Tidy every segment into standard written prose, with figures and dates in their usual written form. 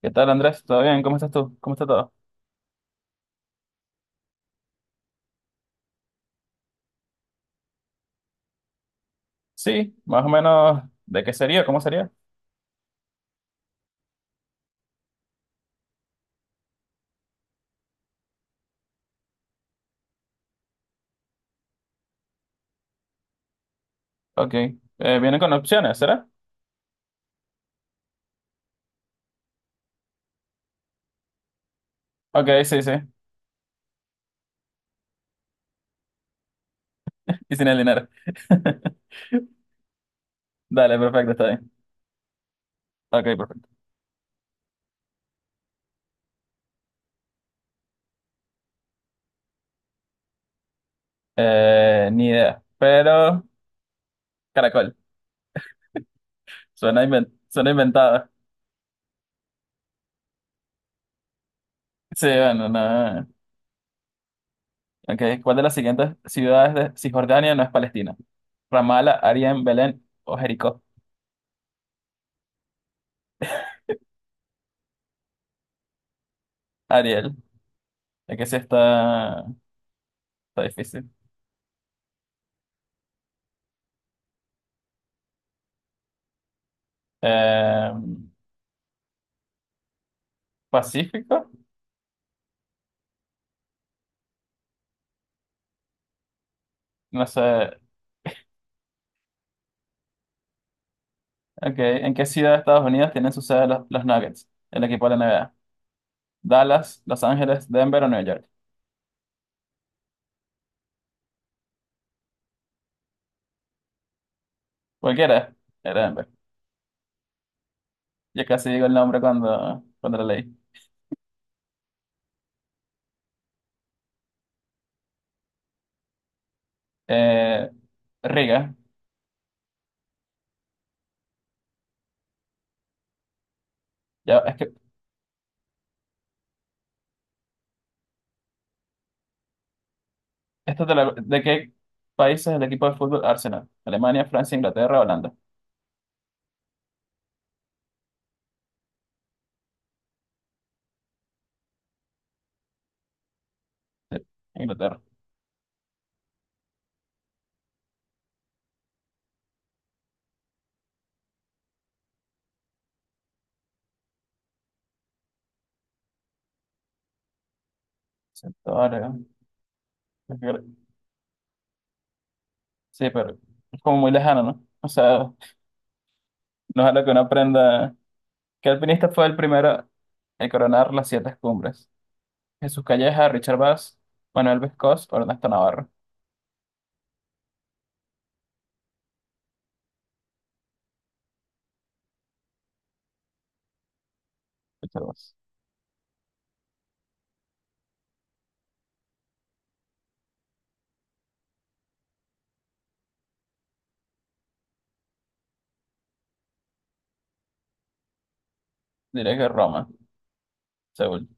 ¿Qué tal, Andrés? ¿Todo bien? ¿Cómo estás tú? ¿Cómo está todo? Sí, más o menos. ¿De qué sería? ¿Cómo sería? Ok. Vienen con opciones, ¿será? Ok, sí, sí. Y sin el dinero. Dale, perfecto, está bien. Ok, perfecto. Ni idea. Pero, caracol. Suena, suena inventado. Sí, bueno, no. Ok, ¿cuál de las siguientes ciudades de Cisjordania no es Palestina? Ramala, Arién, Belén o Jericó. Ariel. Es que sí está difícil. Eh, Pacífico. No sé. Ok, ¿en qué ciudad de Estados Unidos tienen su sede los Nuggets, el equipo de la NBA? ¿Dallas, Los Ángeles, Denver o Nueva York? Cualquiera, era Denver. Yo casi digo el nombre cuando lo leí. Eh, Riga, ya, es que, ¿de qué país es el equipo de fútbol Arsenal? ¿Alemania, Francia, Inglaterra, Holanda? Sí, Inglaterra. Sí, ahora, es que- sí, pero es como muy lejano, ¿no? O sea, no es algo que uno aprenda. ¿Qué alpinista fue el primero en coronar las siete cumbres? Jesús Calleja, Richard Bass, Manuel Vescós, Ernesto Navarro. Richard Bass. Diré que Roma, Seúl.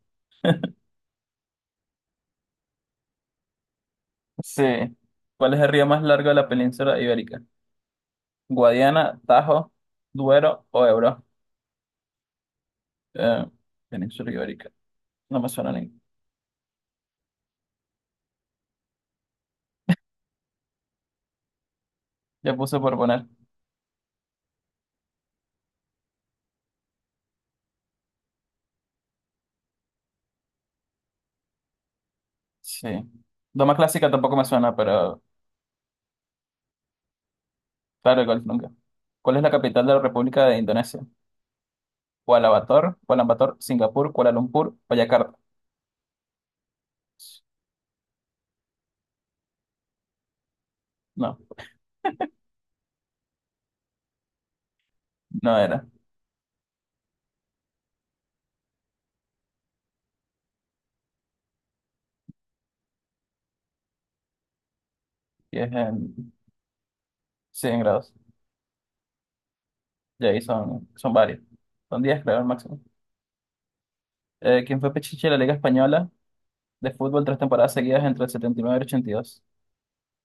Sí. ¿Cuál es el río más largo de la península ibérica? Guadiana, Tajo, Duero o Ebro. Eh, península ibérica. No me suena ni. Ya puse por poner. Sí. Doma clásica tampoco me suena, pero claro, igual nunca. ¿Cuál es la capital de la República de Indonesia? Kuala Bator, Kuala Bator, Singapur, Kuala Lumpur o Yakarta. No, no era. Y es en 100 grados. Y ahí son varios. Son 10, creo, al máximo. Quien fue Pichichi de la Liga Española de fútbol 3 temporadas seguidas entre el 79 y nueve y el 82.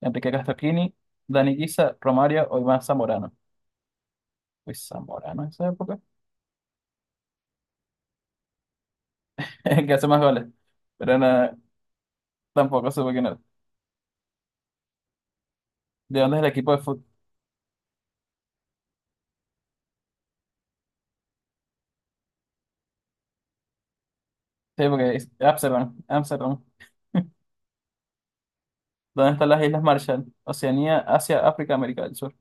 Enrique Castroquini, Dani Guisa, Romario o Iván Zamorano. Uy, Zamorano en esa época. El que hace más goles. Pero nada, tampoco supe quién era. ¿De dónde es el equipo de fútbol? Sí, porque es Amsterdam, Amsterdam. ¿Dónde están las Islas Marshall? Oceanía, Asia, África, América del Sur.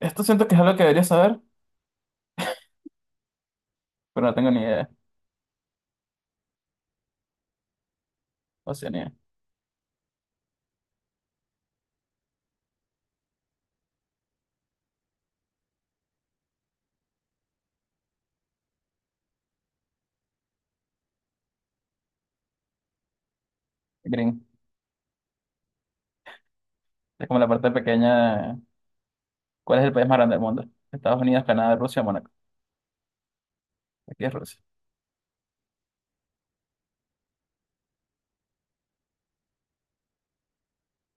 Esto siento que es algo que debería saber, pero no tengo ni idea. Oceanía, Green. Es como la parte pequeña. ¿Cuál es el país más grande del mundo? Estados Unidos, Canadá, Rusia, Mónaco. Aquí es Rusia.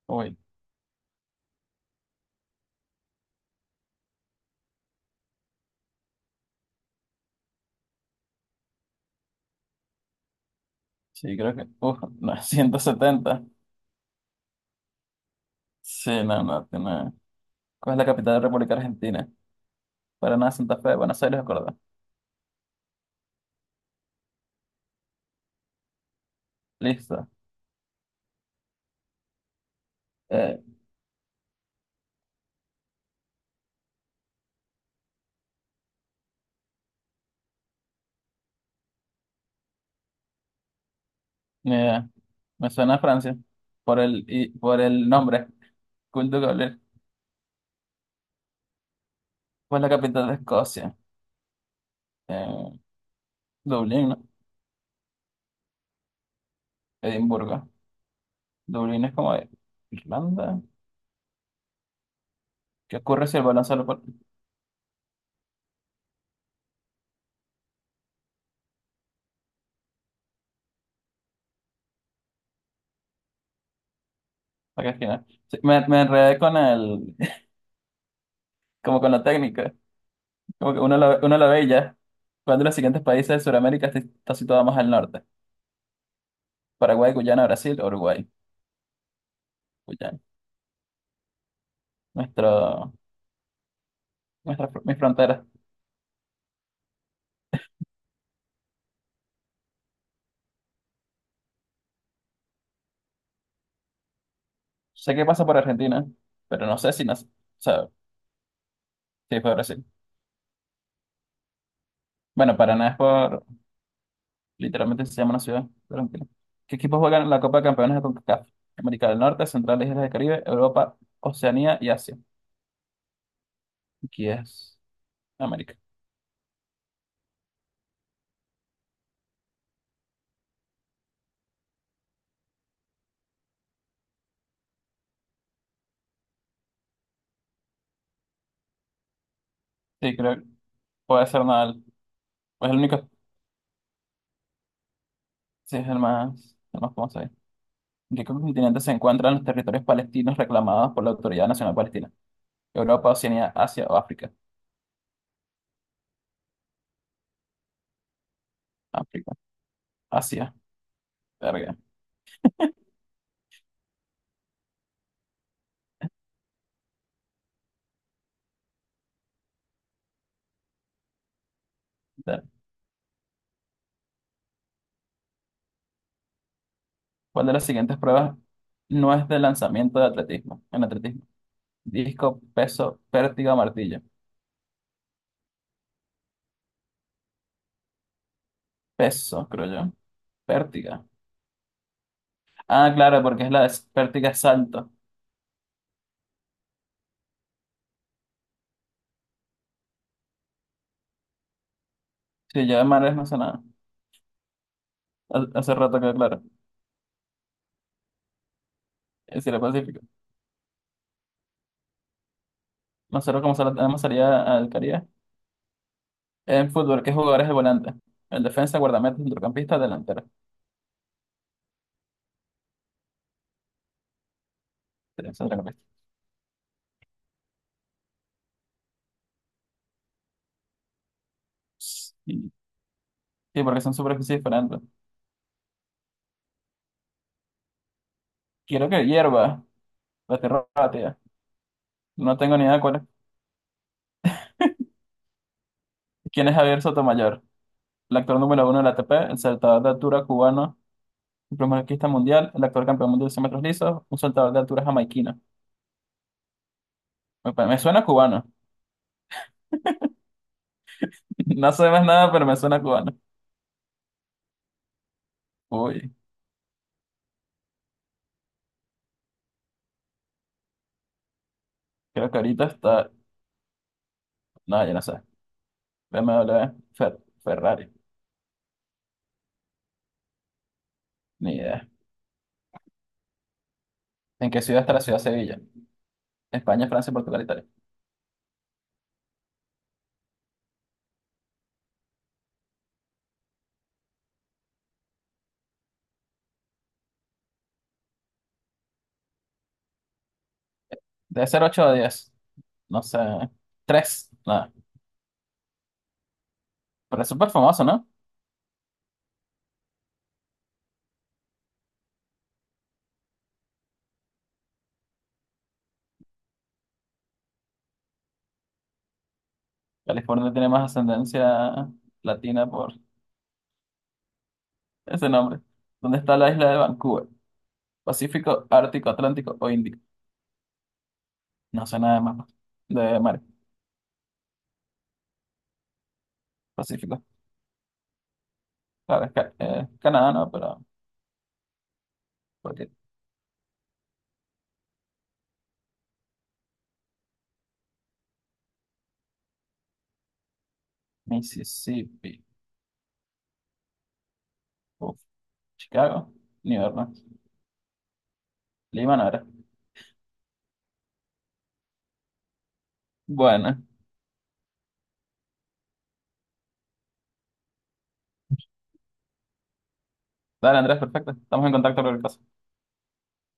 Uy, sí, creo que. Uf, no, 170. Sí, no, no, tiene. ¿Cuál es la capital de la República Argentina? Paraná, Santa Fe, Buenos Aires, Córdoba. Listo. Eh, ni idea. Me suena a Francia por el nombre. Cool de Gaulle. ¿Cuál es la capital de Escocia? Eh, Dublín, ¿no? Edimburgo. Dublín es como de Irlanda. ¿Qué ocurre si el balón sale por la esquina? Sí, me enredé con el, como con la técnica. Como que uno la ve y ya. ¿Cuál de los siguientes países de Sudamérica está situado más al norte? Paraguay, Guyana, Brasil, Uruguay. Guyana. Nuestro, Mi frontera. Sé que pasa por Argentina, pero no sé si no, o sea, si fue Brasil. Bueno, Paraná es por, literalmente se llama una ciudad de Argentina. ¿Qué equipos juegan en la Copa de Campeones de CONCACAF? América del Norte, Central, e Islas del Caribe, Europa, Oceanía y Asia. Aquí es América. Sí, creo que puede ser nada. Es el único, sí, es el más famoso. ¿En qué continente se encuentran los territorios palestinos reclamados por la Autoridad Nacional Palestina? Europa, Oceanía, Asia o África. África. Asia. Verga. Ver. ¿Cuál de las siguientes pruebas no es de lanzamiento de atletismo? En atletismo. Disco, peso, pértiga o martillo. Peso, creo yo. Pértiga. Ah, claro, porque es la de pértiga es salto. Si yo de mares no sé nada. Hace rato que claro. Es decir, el Pacífico. Nosotros como tenemos salida al Caribe. En fútbol, ¿qué jugador es el volante? El defensa, guardameta, centrocampista, delantero. Sí, sí, porque son superficies diferentes. Quiero que hierva la tierra. No tengo ni idea cuál es. ¿Quién es Javier Sotomayor? El actor número uno de la ATP, el saltador de altura cubano, el primer arquista mundial, el actor campeón mundial de 100 metros lisos, un saltador de altura jamaiquino. Me suena cubano. No sé más nada, pero me suena cubano. Uy, creo que ahorita está. No, yo no sé. BMW, Ferrari. Ni idea. ¿En qué ciudad está la ciudad de Sevilla? España, Francia, Portugal, Italia. Debe ser 8 o 10. No sé. 3. Nada. Pero es súper famoso, ¿no? California tiene más ascendencia latina por ese nombre. ¿Dónde está la isla de Vancouver? ¿Pacífico, Ártico, Atlántico o Índico? No sé nada de mapas de mar. Pacífico. Claro, es Canadá, ¿no? Pero, ¿por qué? Mississippi. Uf. Chicago. New Orleans. Lima no era. Bueno, dale Andrés, perfecto. Estamos en contacto con el caso.